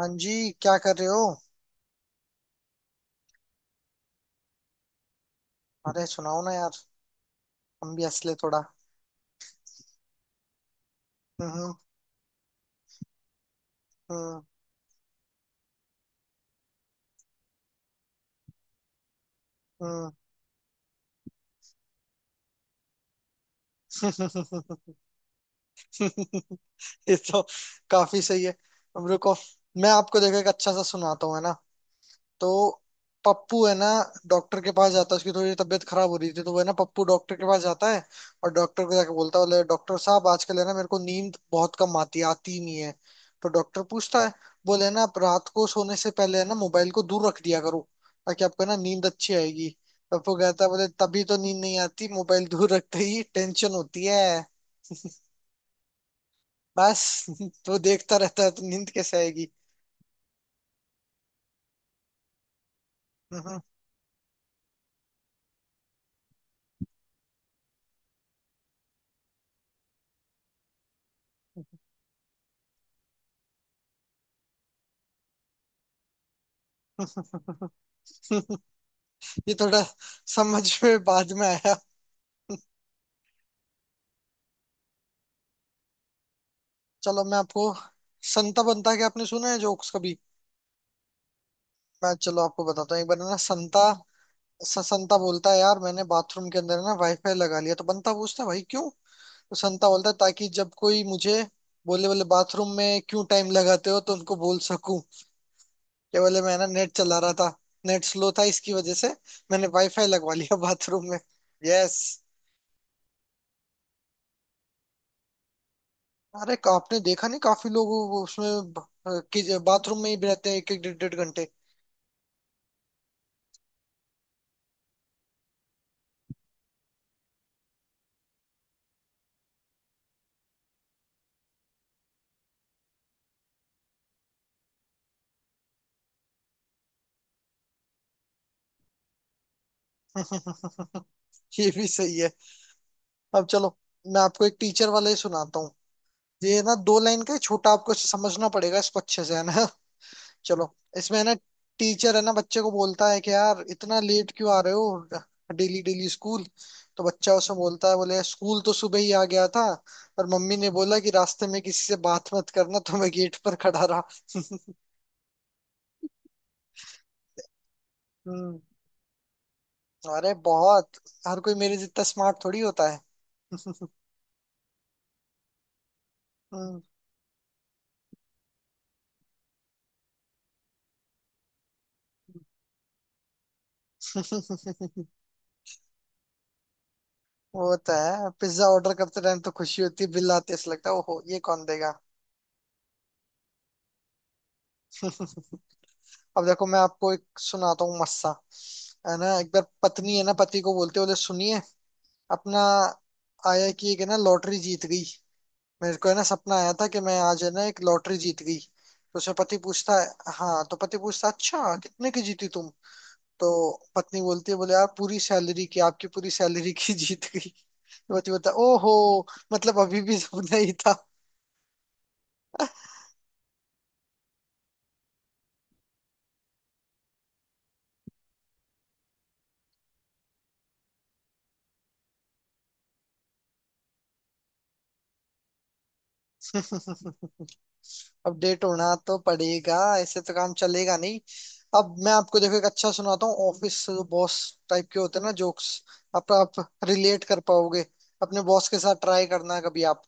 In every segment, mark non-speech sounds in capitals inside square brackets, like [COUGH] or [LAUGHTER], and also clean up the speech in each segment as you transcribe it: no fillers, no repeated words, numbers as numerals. हाँ जी, क्या कर रहे हो? अरे, सुनाओ ना यार। हम भी हंस ले थोड़ा। हम्म। हम्म। हम्म। [LAUGHS] ये तो काफी सही है। अब रुको, मैं आपको देखो एक अच्छा सा सुनाता हूँ, है ना। तो पप्पू है ना, डॉक्टर के पास जाता है। उसकी थोड़ी तबीयत खराब हो रही थी, तो वो है ना पप्पू डॉक्टर के पास जाता है। और डॉक्टर को जाके बोलता है, बोले डॉक्टर साहब, आजकल है ना मेरे को नींद बहुत कम आती है, आती ही नहीं है। तो डॉक्टर पूछता है, बोले है ना आप रात को सोने से पहले है ना मोबाइल को दूर रख दिया करो, ताकि आपको है ना नींद अच्छी आएगी। तो पप्पू कहता है, बोले तभी तो नींद नहीं आती, मोबाइल दूर रखते ही टेंशन होती है। बस, [LAUGHS] तो देखता रहता है, तो नींद कैसे आएगी। [LAUGHS] हम्म, ये थोड़ा समझ में बाद में आया। चलो, मैं आपको संता बनता के आपने सुना है जोक्स कभी। मैं चलो आपको बताता हूँ। एक बार है ना संता, संता बोलता है यार मैंने बाथरूम के अंदर है ना वाईफाई लगा लिया। तो बंता पूछता है भाई क्यों? तो संता बोलता है ताकि जब कोई मुझे बोले बोले बाथरूम में क्यों टाइम लगाते हो, तो उनको बोल सकूं कि बोले मैं ना नेट चला रहा था, नेट स्लो था, इसकी वजह से मैंने वाईफाई लगवा लिया [LAUGHS] बाथरूम में। यस। अरे, आपने देखा नहीं काफी लोग उसमें बाथरूम में ही रहते हैं, एक एक डेढ़ डेढ़ घंटे। [LAUGHS] ये भी सही है। अब चलो मैं आपको एक टीचर वाले ही सुनाता हूँ। ये ना दो लाइन का है, छोटा, आपको इसे समझना पड़ेगा इसको अच्छे से, है ना। [LAUGHS] चलो, इसमें है ना टीचर है ना बच्चे को बोलता है कि यार इतना लेट क्यों आ रहे हो डेली डेली स्कूल? तो बच्चा उसमें बोलता है, बोले स्कूल तो सुबह ही आ गया था, पर मम्मी ने बोला कि रास्ते में किसी से बात मत करना, तो मैं गेट पर खड़ा रहा। हम्म। अरे बहुत। हर कोई मेरे जितना स्मार्ट थोड़ी होता है। हम्म। [LAUGHS] वो तो है, पिज्जा ऑर्डर करते टाइम तो खुशी होती है, बिल आते ऐसा लगता है ओहो ये कौन देगा। अब देखो मैं आपको एक सुनाता हूँ मस्सा। है ना, एक बार पत्नी है ना पति को बोलते, बोले सुनिए, अपना आया कि एक है ना लॉटरी जीत गई। मेरे को है ना सपना आया था कि मैं आज है ना एक लॉटरी जीत गई। तो उसमें पति पूछता है, हाँ, तो पति पूछता अच्छा कितने की जीती तुम? तो पत्नी बोलती है, बोले यार पूरी सैलरी की, आपकी पूरी सैलरी की [LAUGHS] जीत गई। तो पति बोलता ओहो, मतलब अभी भी सपना ही था। अपडेट होना तो पड़ेगा, ऐसे तो काम चलेगा नहीं। अब मैं आपको देखो एक अच्छा सुनाता हूँ, ऑफिस बॉस टाइप के होते हैं ना जोक्स। आप रिलेट कर पाओगे अपने बॉस के साथ, ट्राई करना कभी आप।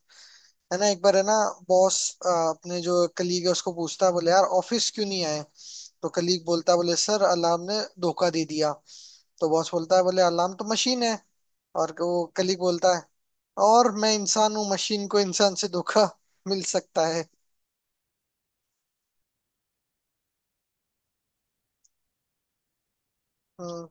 है ना, एक बार है ना बॉस अपने जो कलीग है उसको पूछता है, बोले यार ऑफिस क्यों नहीं आए? तो कलीग बोलता है, बोले सर अलार्म ने धोखा दे दिया। तो बॉस बोलता है, बोले अलार्म तो मशीन है। और वो कलीग बोलता है और मैं इंसान हूँ, मशीन को इंसान से धोखा मिल सकता है। हम्म।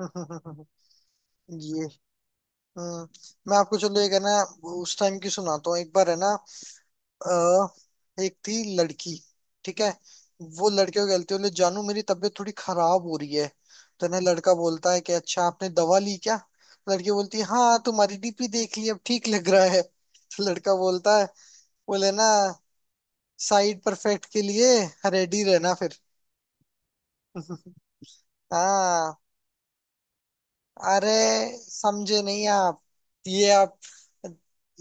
हम्म। [LAUGHS] ये, हम्म मैं आपको चलो एक है ना उस टाइम की सुनाता हूँ। एक बार है ना, एक थी लड़की, ठीक है। वो लड़के को कहती है, बोले जानू मेरी तबीयत थोड़ी खराब हो रही है। तो ना लड़का बोलता है कि अच्छा आपने दवा ली क्या? लड़की बोलती है हाँ, तुम्हारी डीपी देख ली, अब ठीक लग रहा है। [LAUGHS] तो लड़का बोलता है, बोले ना साइड परफेक्ट के लिए रेडी रहना फिर। [LAUGHS] हाँ। अरे समझे नहीं आप, ये आप,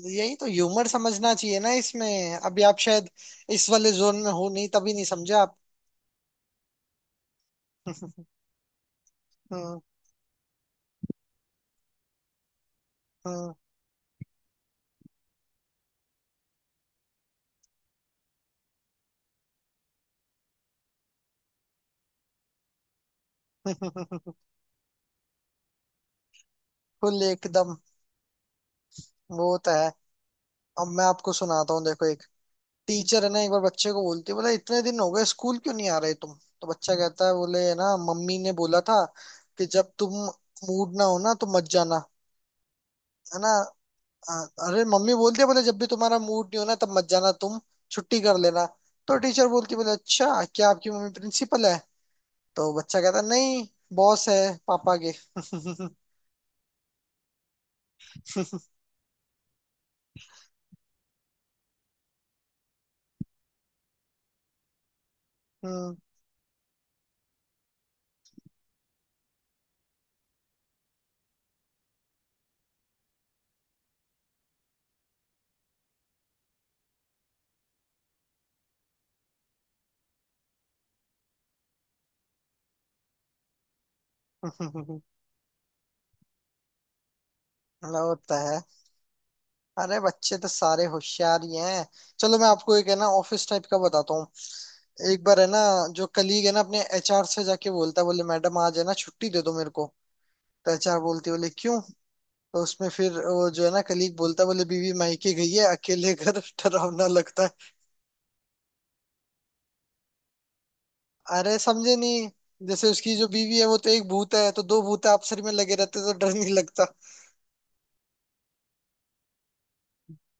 यही तो ह्यूमर समझना चाहिए ना इसमें। अभी आप शायद इस वाले जोन में हो नहीं, तभी नहीं समझे आप। हम्म। हम्म। [LAUGHS] फुल एकदम, वो तो है। अब मैं आपको सुनाता हूँ, देखो एक। टीचर है ना एक बार बच्चे को बोलती है, बोले इतने दिन हो गए स्कूल क्यों नहीं आ रहे तुम? तो बच्चा कहता है, बोले है ना मम्मी ने बोला था कि जब तुम मूड ना हो ना तो मत जाना, है ना। अरे, मम्मी बोलती है, बोले जब भी तुम्हारा मूड नहीं हो ना तब मत जाना तुम, छुट्टी कर लेना। तो टीचर बोलती है, बोले अच्छा क्या आपकी मम्मी प्रिंसिपल है? तो बच्चा कहता नहीं, बॉस है पापा के। [LAUGHS] हम्म। [LAUGHS] हाँ, होता है। अरे बच्चे तो सारे होशियार ही हैं। चलो मैं आपको एक है ना ऑफिस टाइप का बताता हूँ। एक बार है ना जो कलीग है ना अपने एचआर से जाके बोलता है, बोले मैडम आज है ना छुट्टी दे दो मेरे को। तो एचआर बोलती है, बोले क्यों? तो उसमें फिर वो जो है ना कलीग बोलता है, बोले बीवी मायके गई है, अकेले घर [LAUGHS] डरावना लगता है। अरे समझे नहीं, जैसे उसकी जो बीवी है वो तो एक भूत है, तो दो भूत आपसरी में लगे रहते तो डर नहीं लगता।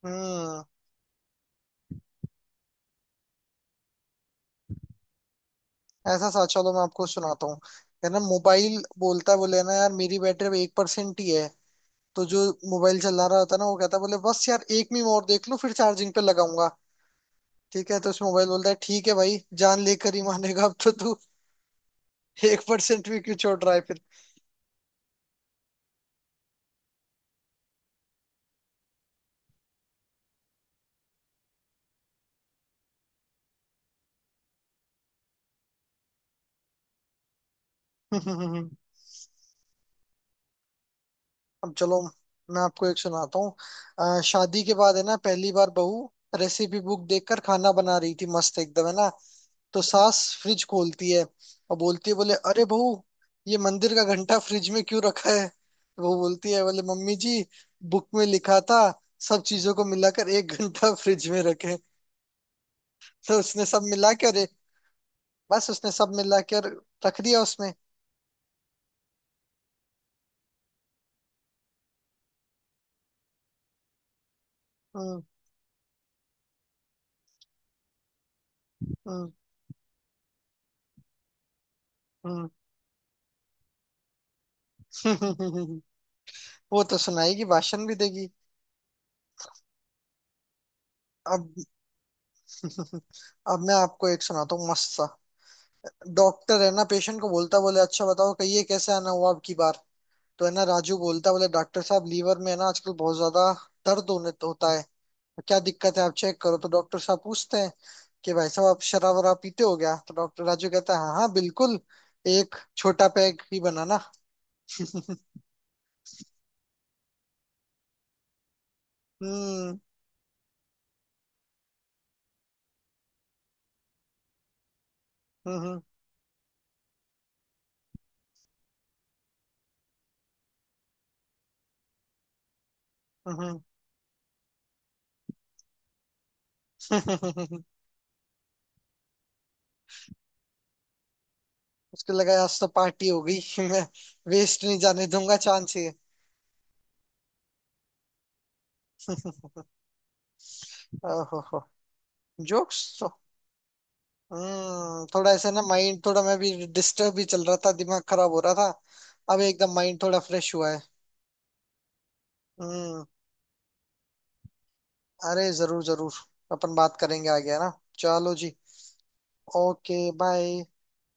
हम्म। ऐसा सा चलो मैं आपको सुनाता हूँ। है ना, मोबाइल बोलता है, बोले ना यार मेरी बैटरी 1% ही है। तो जो मोबाइल चला रहा होता है ना वो कहता है, बोले बस यार एक मीम और देख लो फिर चार्जिंग पे लगाऊंगा, ठीक है। तो उस मोबाइल बोलता है ठीक है भाई, जान लेकर ही मानेगा अब तो तू, 1% भी क्यों छोड़ रहा है फिर। [LAUGHS] अब चलो मैं आपको एक सुनाता हूँ। शादी के बाद है ना पहली बार बहू रेसिपी बुक देखकर खाना बना रही थी मस्त एकदम, है ना। तो सास फ्रिज खोलती है और बोलती है, बोले अरे बहू ये मंदिर का घंटा फ्रिज में क्यों रखा है? तो वो बोलती है, बोले मम्मी जी बुक में लिखा था सब चीजों को मिलाकर 1 घंटा [LAUGHS] फ्रिज में रखे। तो उसने सब मिला के अरे, बस उसने सब मिला के और रख दिया उसमें। हम्म। हम्म। हम्म। [LAUGHS] वो तो सुनाएगी भाषण भी देगी। अब [LAUGHS] अब मैं आपको एक सुनाता हूँ मस्त सा। डॉक्टर है ना पेशेंट को बोलता, बोले अच्छा बताओ, कहिए कैसे आना हुआ अब की बार? तो है ना राजू बोलता, बोले डॉक्टर साहब लीवर में है ना आजकल बहुत ज्यादा दर्द होने होता है, तो क्या दिक्कत है आप चेक करो। तो डॉक्टर साहब पूछते हैं कि भाई साहब आप शराब वराब पीते हो क्या? तो डॉक्टर राजू कहता है हाँ हाँ बिल्कुल, एक छोटा पैग ही बनाना। हम्म। हम्म। हम्म। हम्म। [LAUGHS] उसको लगा आज तो पार्टी हो गई। [LAUGHS] मैं वेस्ट नहीं जाने दूंगा चांस ये। ओहो। जोक्स। थोड़ा ऐसा ना, माइंड थोड़ा मैं भी डिस्टर्ब भी चल रहा था, दिमाग खराब हो रहा था। अब एकदम माइंड थोड़ा फ्रेश हुआ है। हम्म। अरे जरूर जरूर, अपन बात करेंगे आगे, है ना। चलो जी, ओके, बाय।